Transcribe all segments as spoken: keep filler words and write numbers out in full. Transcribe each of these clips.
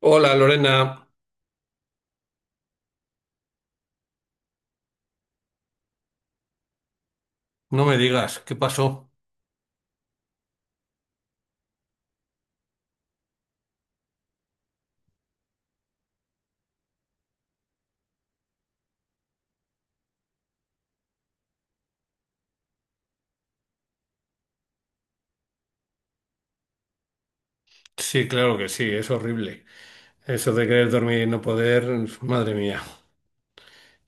Hola Lorena, no me digas, ¿qué pasó? Sí, claro que sí, es horrible. Eso de querer dormir y no poder, madre mía.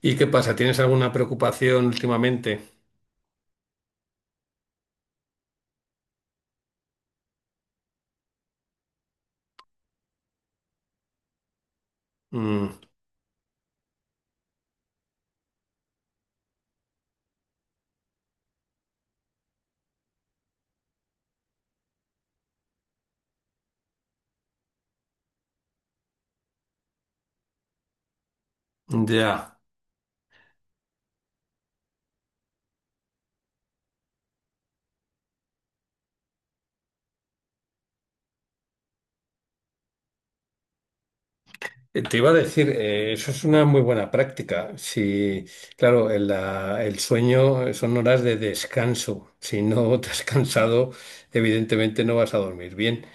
¿Y qué pasa? ¿Tienes alguna preocupación últimamente? Mm, ya. Eh, Te iba a decir, eh, eso es una muy buena práctica. Si, claro, el, la- el sueño son horas de descanso. Si no te has cansado, evidentemente no vas a dormir bien.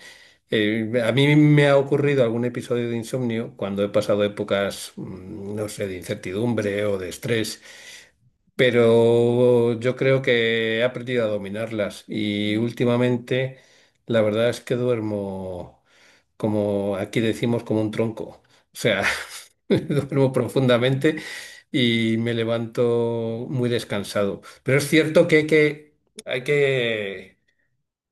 Eh, a mí me ha ocurrido algún episodio de insomnio cuando he pasado épocas, mm, no sé, de incertidumbre o de estrés, pero yo creo que he aprendido a dominarlas y últimamente la verdad es que duermo, como aquí decimos, como un tronco. O sea, duermo profundamente y me levanto muy descansado. Pero es cierto que hay que, hay que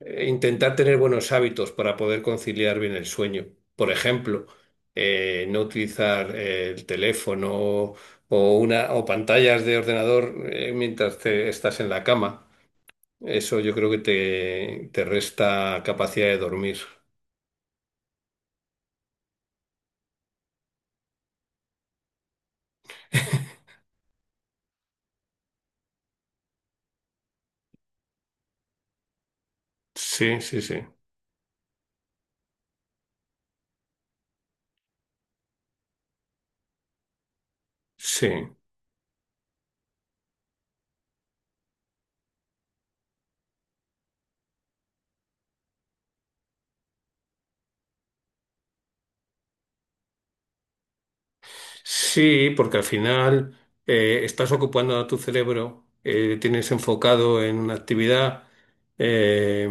eh, intentar tener buenos hábitos para poder conciliar bien el sueño. Por ejemplo, eh, no utilizar eh, el teléfono o una o pantallas de ordenador eh, mientras te estás en la cama. Eso yo creo que te, te resta capacidad de dormir. Sí, sí, sí. Sí. Sí, porque al final eh, estás ocupando a tu cerebro, eh, tienes enfocado en una actividad, eh,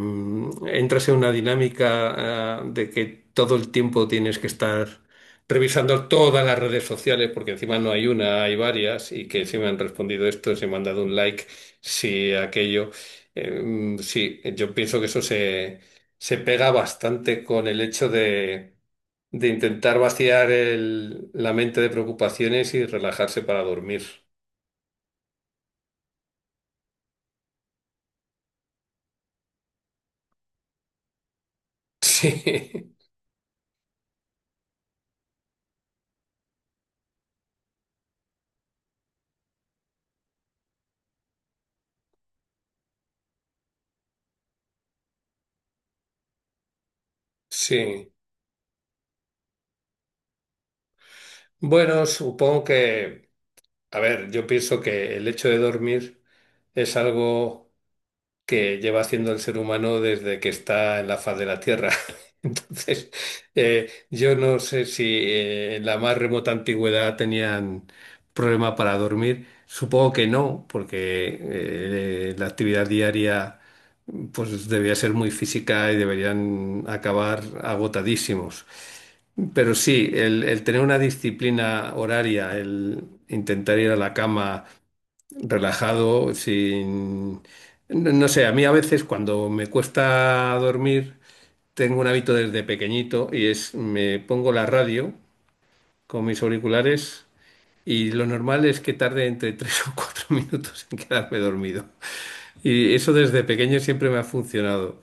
entras en una dinámica, ah, de que todo el tiempo tienes que estar revisando todas las redes sociales, porque encima no hay una, hay varias, y que si me han respondido esto, si me han dado un like, si aquello. Eh, sí, yo pienso que eso se, se pega bastante con el hecho de intentar vaciar el- la mente de preocupaciones y relajarse para dormir. Sí, sí. Bueno, supongo que, a ver, yo pienso que el hecho de dormir es algo que lleva haciendo el ser humano desde que está en la faz de la Tierra. Entonces, eh, yo no sé si eh, en la más remota antigüedad tenían problema para dormir. Supongo que no, porque eh, la actividad diaria pues debía ser muy física y deberían acabar agotadísimos. Pero sí, el, el tener una disciplina horaria, el intentar ir a la cama relajado, sin... No no sé, a mí a veces cuando me cuesta dormir, tengo un hábito desde pequeñito y es me pongo la radio con mis auriculares y lo normal es que tarde entre tres o cuatro minutos en quedarme dormido. Y eso desde pequeño siempre me ha funcionado.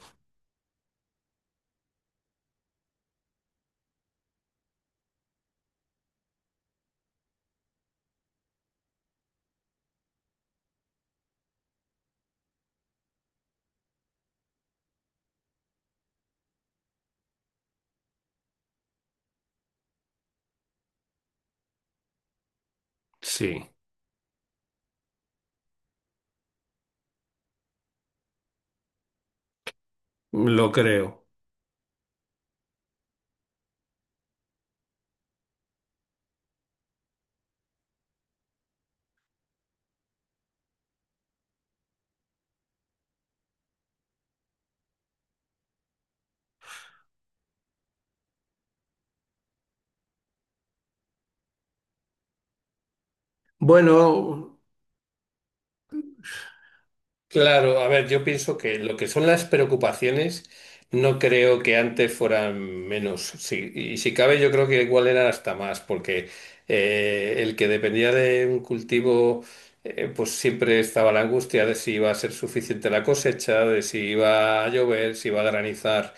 Sí. Lo creo. Bueno, claro, a ver, yo pienso que lo que son las preocupaciones no creo que antes fueran menos. Sí, y si cabe, yo creo que igual eran hasta más, porque eh, el que dependía de un cultivo, eh, pues siempre estaba la angustia de si iba a ser suficiente la cosecha, de si iba a llover, si iba a granizar.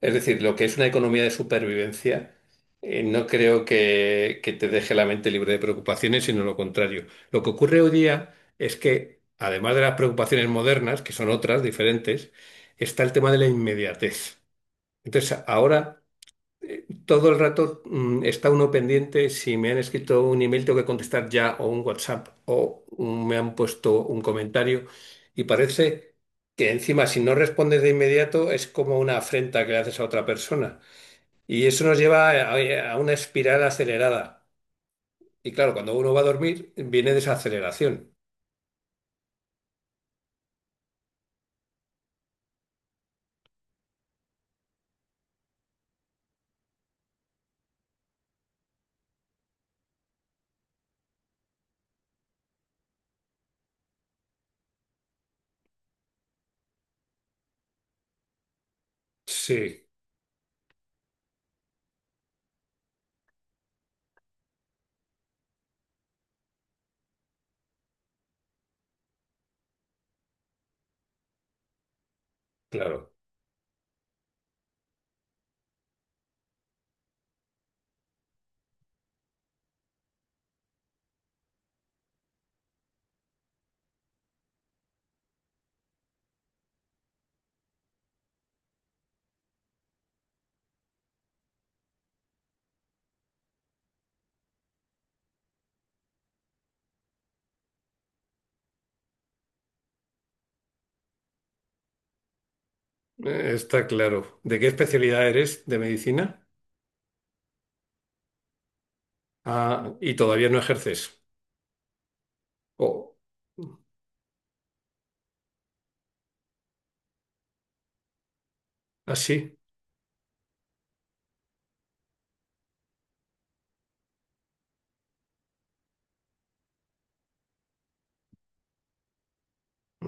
Es decir, lo que es una economía de supervivencia, eh, no creo que, que te deje la mente libre de preocupaciones, sino lo contrario. Lo que ocurre hoy día es que, además de las preocupaciones modernas, que son otras, diferentes, está el tema de la inmediatez. Entonces, ahora... Todo el rato mm, está uno pendiente si me han escrito un email, tengo que contestar ya, o un WhatsApp, o mm, me han puesto un comentario y parece que encima si no respondes de inmediato es como una afrenta que le haces a otra persona y eso nos lleva a, a una espiral acelerada y claro, cuando uno va a dormir viene desaceleración. Sí, claro. Eh, está claro. ¿De qué especialidad eres de medicina? Ah, y todavía no ejerces. ¿O así?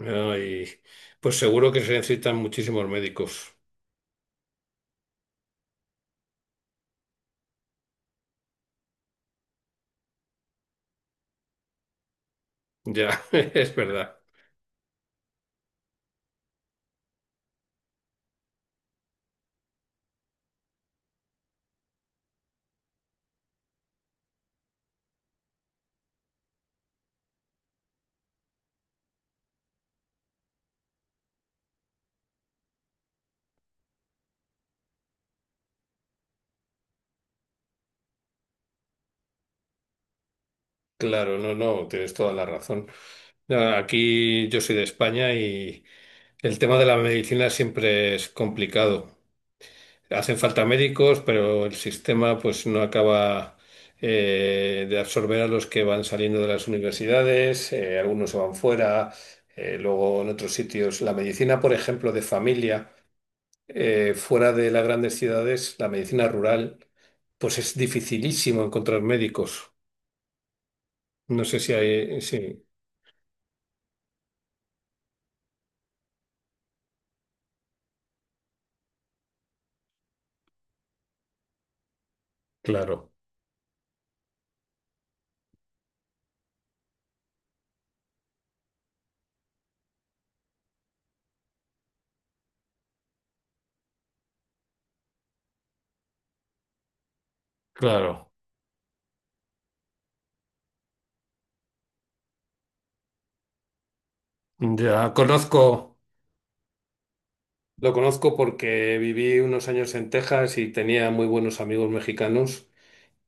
Ay, pues seguro que se necesitan muchísimos médicos. Ya, es verdad. Claro, no, no, tienes toda la razón. Ya, aquí yo soy de España y el tema de la medicina siempre es complicado. Hacen falta médicos, pero el sistema pues no acaba eh, de absorber a los que van saliendo de las universidades, eh, algunos se van fuera, eh, luego en otros sitios. La medicina, por ejemplo, de familia, eh, fuera de las grandes ciudades, la medicina rural, pues es dificilísimo encontrar médicos. No sé si hay, eh, sí, claro, claro. Ya conozco. Lo conozco porque viví unos años en Texas y tenía muy buenos amigos mexicanos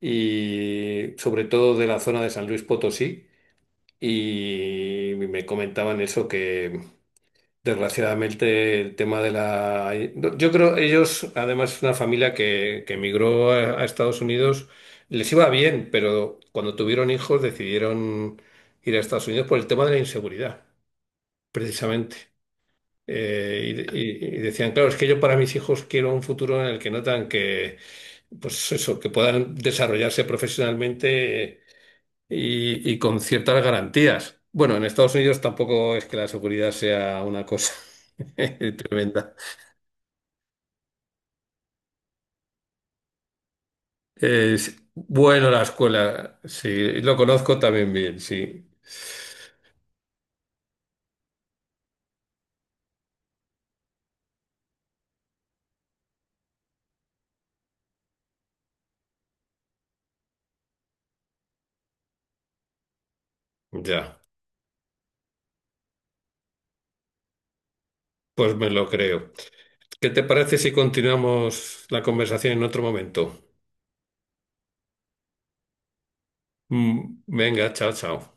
y sobre todo de la zona de San Luis Potosí y me comentaban eso que, desgraciadamente, el tema de la... Yo creo ellos, además, es una familia que, que emigró a, a Estados Unidos. Les iba bien, pero cuando tuvieron hijos decidieron ir a Estados Unidos por el tema de la inseguridad, precisamente. Eh, y, y- y decían, claro, es que yo para mis hijos quiero un futuro en el que notan que, pues eso, que puedan desarrollarse profesionalmente y, y con ciertas garantías. Bueno, en Estados Unidos tampoco es que la seguridad sea una cosa tremenda. Es bueno la escuela, sí, lo conozco también bien, sí. Ya, pues me lo creo. ¿Qué te parece si continuamos la conversación en otro momento? Mm, venga, chao, chao.